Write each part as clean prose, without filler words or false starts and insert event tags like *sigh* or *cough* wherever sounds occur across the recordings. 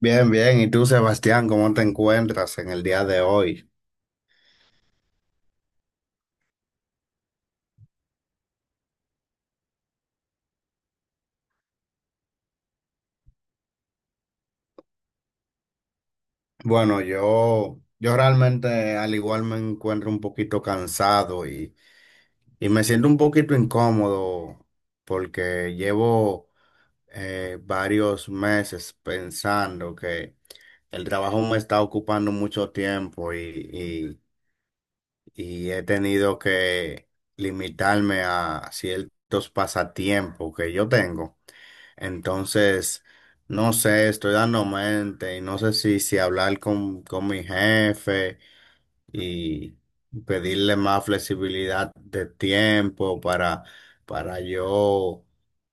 Bien, bien. ¿Y tú, Sebastián, cómo te encuentras en el día de hoy? Bueno, yo realmente al igual me encuentro un poquito cansado y me siento un poquito incómodo porque llevo varios meses pensando que el trabajo me está ocupando mucho tiempo y he tenido que limitarme a ciertos pasatiempos que yo tengo. Entonces, no sé, estoy dando mente y no sé si, si hablar con mi jefe y pedirle más flexibilidad de tiempo para yo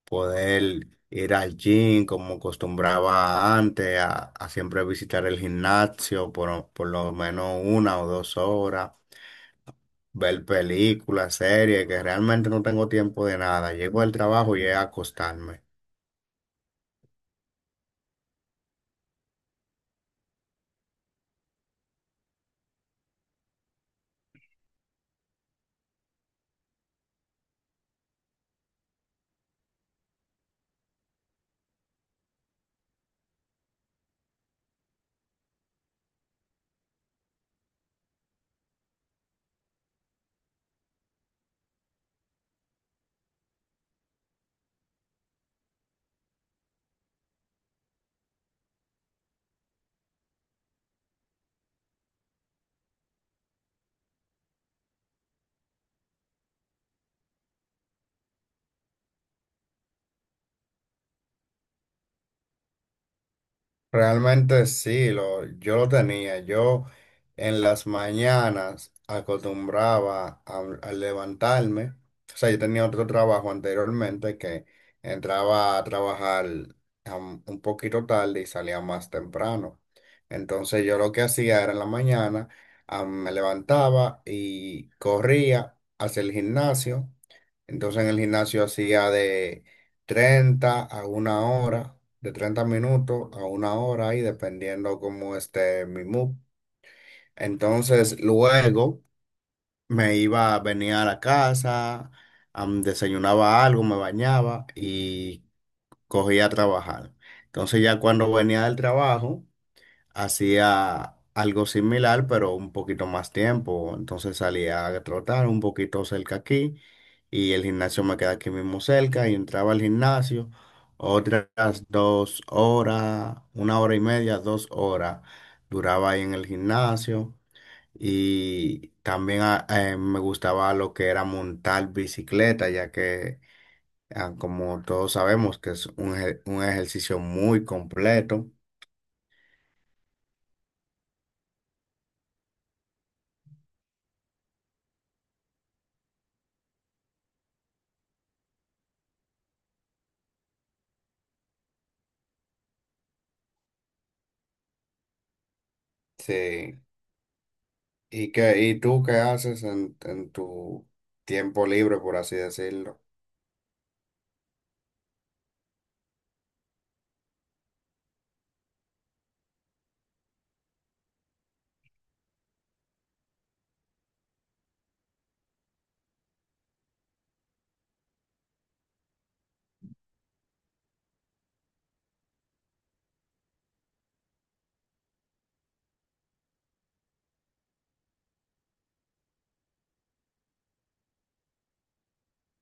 poder ir al gym como acostumbraba antes, a siempre visitar el gimnasio por lo menos 1 o 2 horas, ver películas, series, que realmente no tengo tiempo de nada. Llego al trabajo y es a acostarme. Realmente sí, yo lo tenía. Yo en las mañanas acostumbraba a levantarme. O sea, yo tenía otro trabajo anteriormente que entraba a trabajar un poquito tarde y salía más temprano. Entonces yo lo que hacía era en la mañana, me levantaba y corría hacia el gimnasio. Entonces en el gimnasio hacía de 30 a 1 hora, de 30 minutos a 1 hora ahí dependiendo cómo esté mi mood. Entonces luego me iba, venía a la casa, desayunaba algo, me bañaba y cogía a trabajar. Entonces ya cuando venía del trabajo hacía algo similar, pero un poquito más tiempo. Entonces salía a trotar un poquito cerca aquí y el gimnasio me queda aquí mismo cerca y entraba al gimnasio otras 2 horas, 1 hora y media, 2 horas duraba ahí en el gimnasio y también me gustaba lo que era montar bicicleta, ya que como todos sabemos que es un ejercicio muy completo. Sí. ¿Y qué, y tú qué haces en tu tiempo libre, por así decirlo?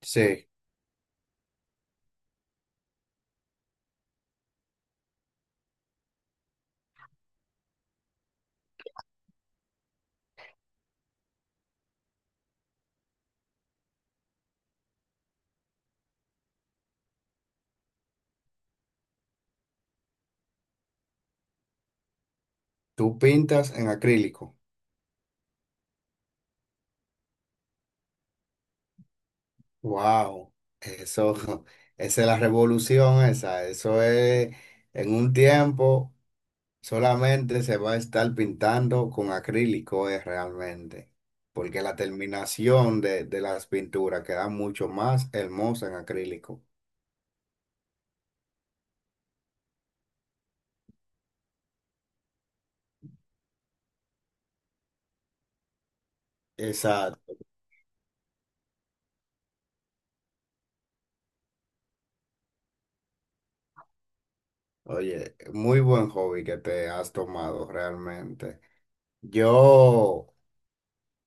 Sí, tú pintas en acrílico. Wow, eso, *laughs* esa es la revolución esa. Eso es, en un tiempo solamente se va a estar pintando con acrílico, es realmente. Porque la terminación de las pinturas queda mucho más hermosa en acrílico. Exacto. Oye, muy buen hobby que te has tomado realmente. Yo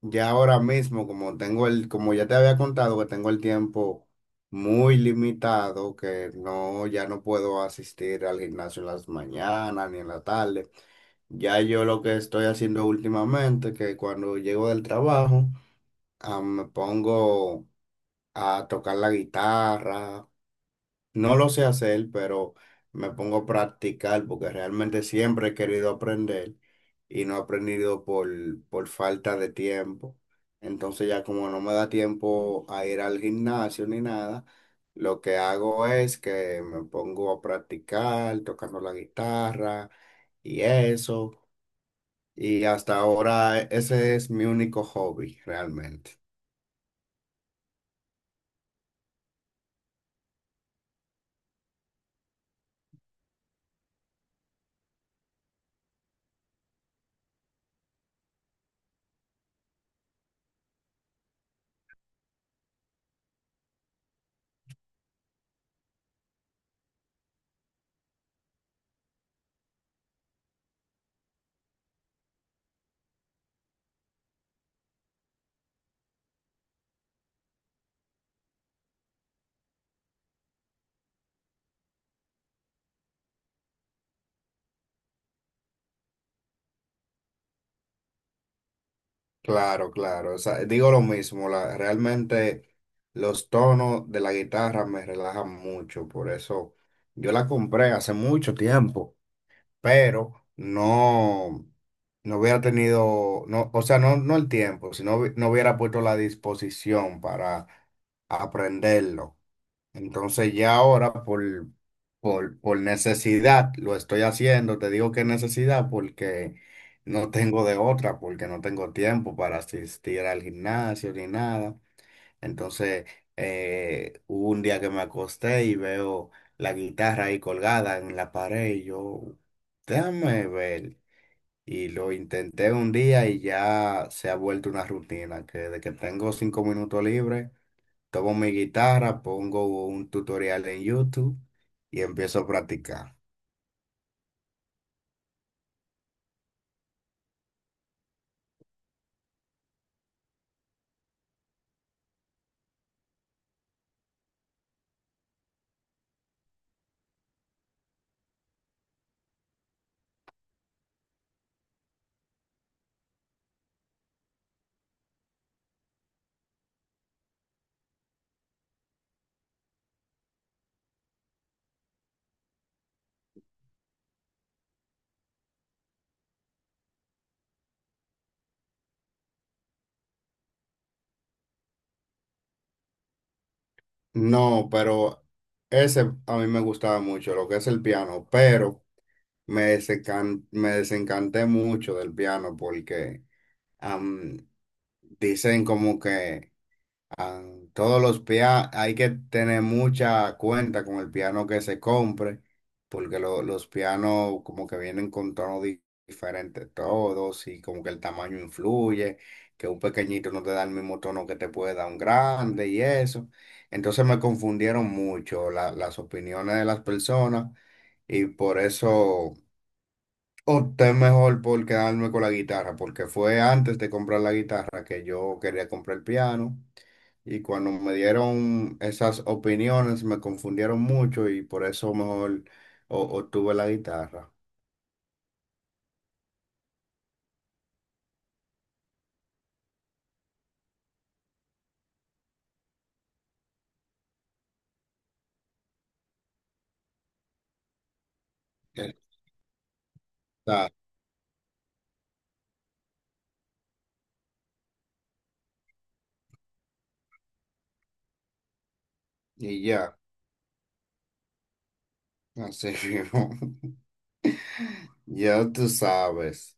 ya ahora mismo, como tengo como ya te había contado que tengo el tiempo muy limitado, que no, ya no puedo asistir al gimnasio en las mañanas ni en la tarde. Ya yo lo que estoy haciendo últimamente, que cuando llego del trabajo, me pongo a tocar la guitarra, no lo sé hacer, pero me pongo a practicar porque realmente siempre he querido aprender y no he aprendido por falta de tiempo. Entonces ya como no me da tiempo a ir al gimnasio ni nada, lo que hago es que me pongo a practicar tocando la guitarra y eso. Y hasta ahora ese es mi único hobby realmente. Claro, claro. O sea, digo lo mismo, realmente los tonos de la guitarra me relajan mucho, por eso yo la compré hace mucho tiempo, pero no, no hubiera tenido, no, o sea, no, no el tiempo, sino no hubiera puesto la disposición para aprenderlo. Entonces ya ahora por necesidad lo estoy haciendo. Te digo que necesidad porque no tengo de otra, porque no tengo tiempo para asistir al gimnasio ni nada. Entonces hubo un día que me acosté y veo la guitarra ahí colgada en la pared y yo, déjame ver. Y lo intenté un día y ya se ha vuelto una rutina, que de que tengo 5 minutos libres. Tomo mi guitarra, pongo un tutorial en YouTube y empiezo a practicar. No, pero ese a mí me gustaba mucho, lo que es el piano, pero me desencanté mucho del piano porque am, dicen como que ah, todos los pianos, hay que tener mucha cuenta con el piano que se compre, porque los pianos como que vienen con tonos diferentes todos y como que el tamaño influye, que un pequeñito no te da el mismo tono que te puede dar un grande y eso. Entonces me confundieron mucho las opiniones de las personas y por eso... Opté mejor por quedarme con la guitarra, porque fue antes de comprar la guitarra que yo quería comprar el piano. Y cuando me dieron esas opiniones me confundieron mucho y por eso mejor obtuve la guitarra. Está, y ya, así mismo. *laughs* Ya tú sabes.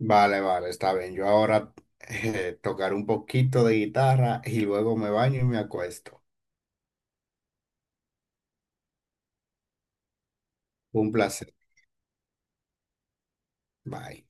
Vale, vale, está bien. Yo ahora tocaré un poquito de guitarra y luego me baño y me acuesto. Un placer. Bye.